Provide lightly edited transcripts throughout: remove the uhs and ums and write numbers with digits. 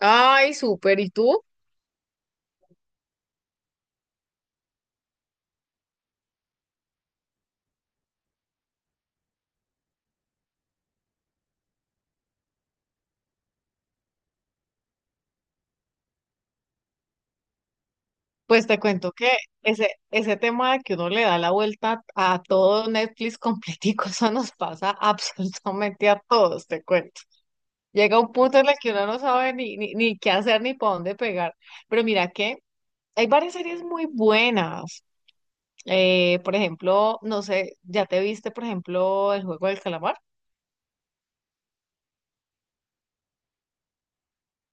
Ay, súper. ¿Y tú? Pues te cuento que ese tema de que uno le da la vuelta a todo Netflix completico, eso nos pasa absolutamente a todos, te cuento. Llega un punto en el que uno no sabe ni qué hacer ni para dónde pegar. Pero mira que hay varias series muy buenas. Por ejemplo, no sé, ¿ya te viste, por ejemplo, El Juego del Calamar?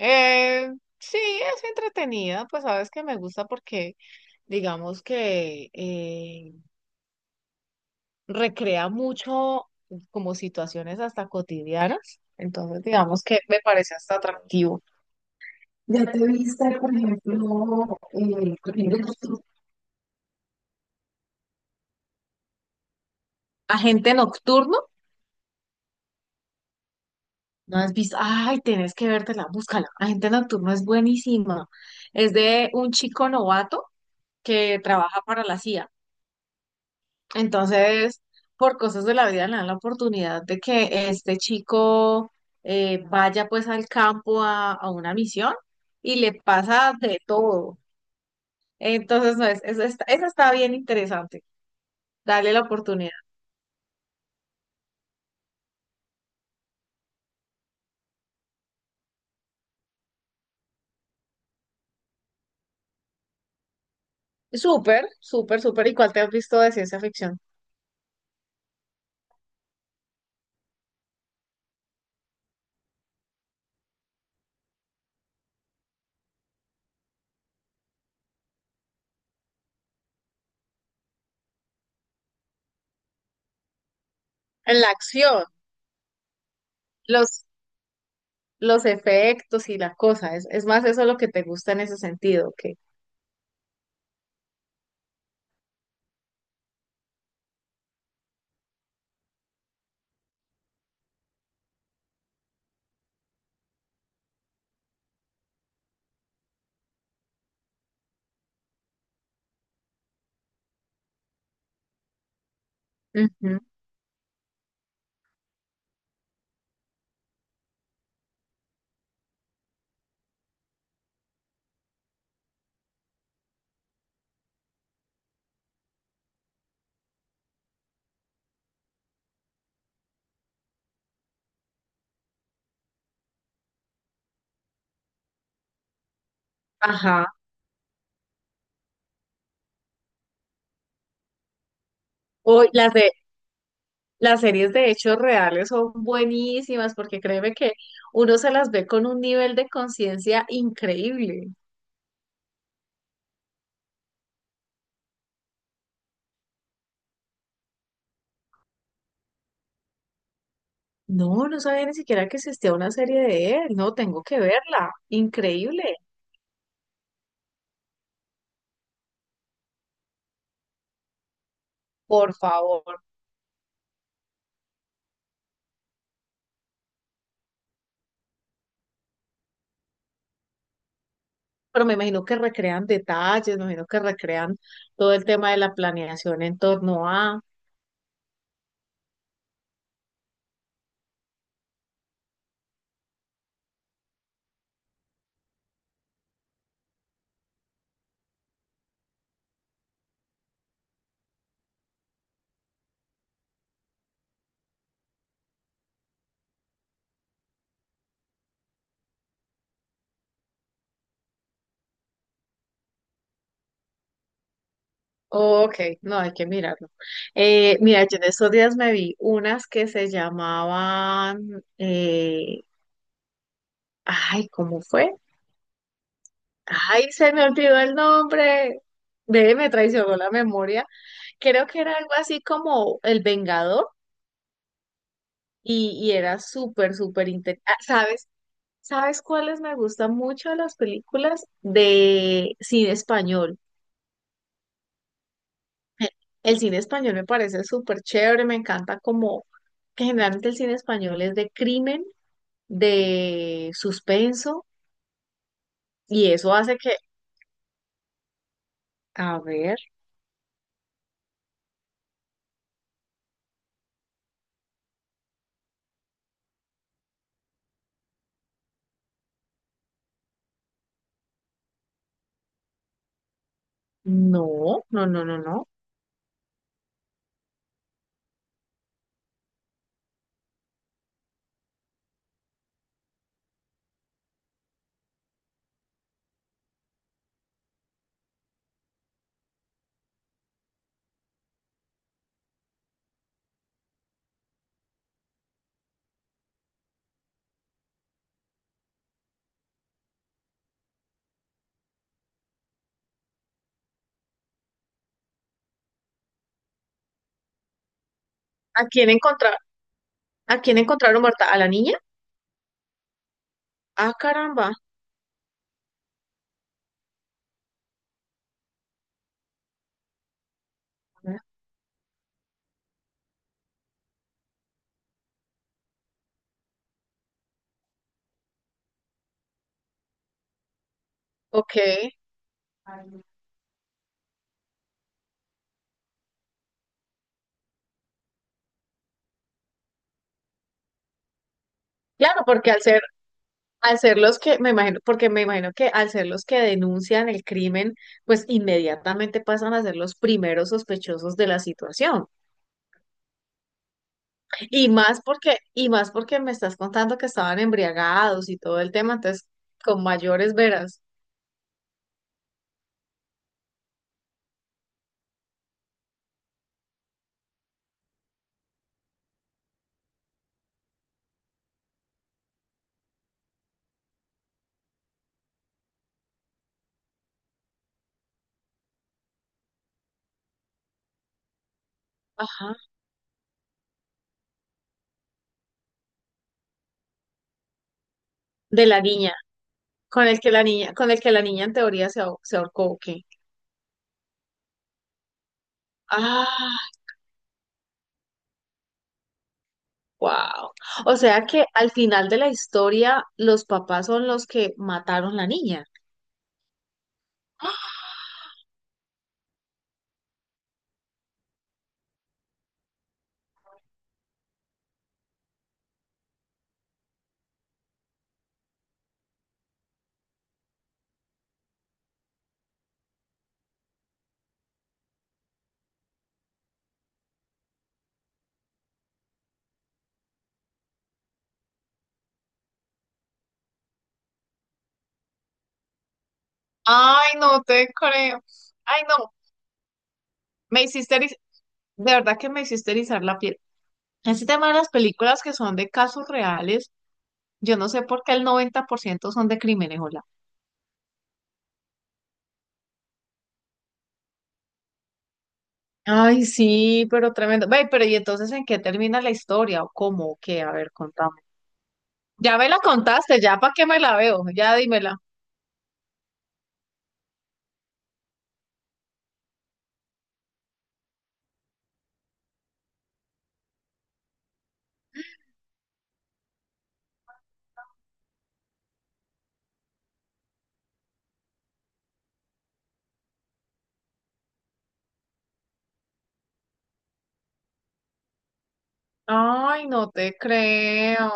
Eh, sí, es entretenida, pues sabes que me gusta porque digamos que recrea mucho como situaciones hasta cotidianas, entonces digamos que me parece hasta atractivo. ¿Ya te viste, por ejemplo, Corriendo Nocturno? Agente Nocturno, ¿no has visto? Ay, tenés que vértela, búscala. Agente Nocturno es buenísima. Es de un chico novato que trabaja para la CIA. Entonces, por cosas de la vida le dan la oportunidad de que este chico vaya pues al campo a una misión y le pasa de todo. Entonces, no, esa está bien interesante. Dale la oportunidad. Súper, súper, súper. ¿Y cuál te has visto de ciencia ficción? En la acción, los, los efectos y la cosa. Es más eso lo que te gusta en ese sentido. Que ujú. Ajá. O las de las series de hechos reales son buenísimas porque créeme que uno se las ve con un nivel de conciencia increíble. No, no sabía ni siquiera que existía una serie de él. No, tengo que verla. Increíble, por favor. Pero me imagino que recrean detalles, me imagino que recrean todo el tema de la planeación en torno a... Ok, no, hay que mirarlo. Mira, yo en estos días me vi unas que se llamaban... Ay, ¿cómo fue? Ay, se me olvidó el nombre. Ve, me traicionó la memoria. Creo que era algo así como El Vengador y era súper, súper interesante. ¿Sabes? ¿Sabes cuáles me gustan mucho de las películas de cine español? Eh, El cine español me parece súper chévere, me encanta como que generalmente el cine español es de crimen, de suspenso y eso hace que, a ver, no, no, no, no, no. ¿A quién encontrar? ¿A quién encontraron muerta? ¿A la niña? Ah, caramba. Ok. Claro, porque al ser los que, me imagino, porque me imagino que al ser los que denuncian el crimen, pues inmediatamente pasan a ser los primeros sospechosos de la situación. Y más porque me estás contando que estaban embriagados y todo el tema, entonces con mayores veras, ajá, de la niña, con el que la niña en teoría se ahorcó, ¿o qué? Ah, wow. O sea que al final de la historia, los papás son los que mataron la niña. Ay, no te creo. Ay, no, me hiciste eriz- de verdad que me hiciste erizar la piel. Ese tema de las películas que son de casos reales, yo no sé por qué el 90% son de crímenes, hola. Ay, sí, pero tremendo. Ve, pero ¿y entonces en qué termina la historia o cómo o qué? A ver, contame. Ya me la contaste, ya para qué me la veo, ya dímela. Ay, no te creo.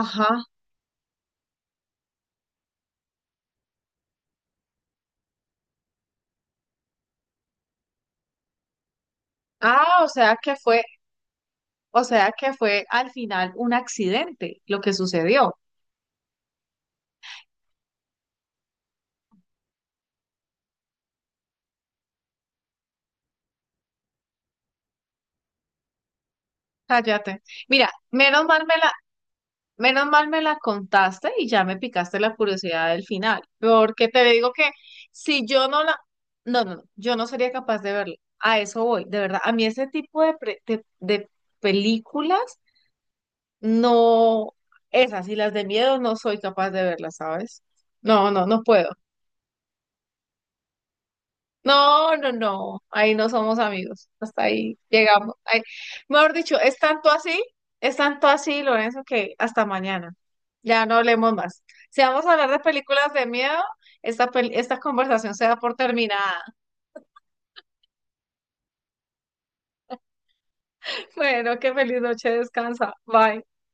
Ajá. Ah, o sea que fue, o sea que fue al final un accidente lo que sucedió. Cállate. Mira, menos mal me la, menos mal me la contaste y ya me picaste la curiosidad del final, porque te digo que si yo no la, no, no, no, yo no sería capaz de verla. A eso voy, de verdad. A mí ese tipo de películas, no, esas y las de miedo no soy capaz de verlas, ¿sabes? No, no, no puedo. No, no, no, ahí no somos amigos, hasta ahí llegamos. Ahí- mejor dicho, es tanto así, Lorenzo, que hasta mañana. Ya no hablemos más. Si vamos a hablar de películas de miedo, esta conversación se da por terminada. Bueno, qué feliz noche, descansa. Bye.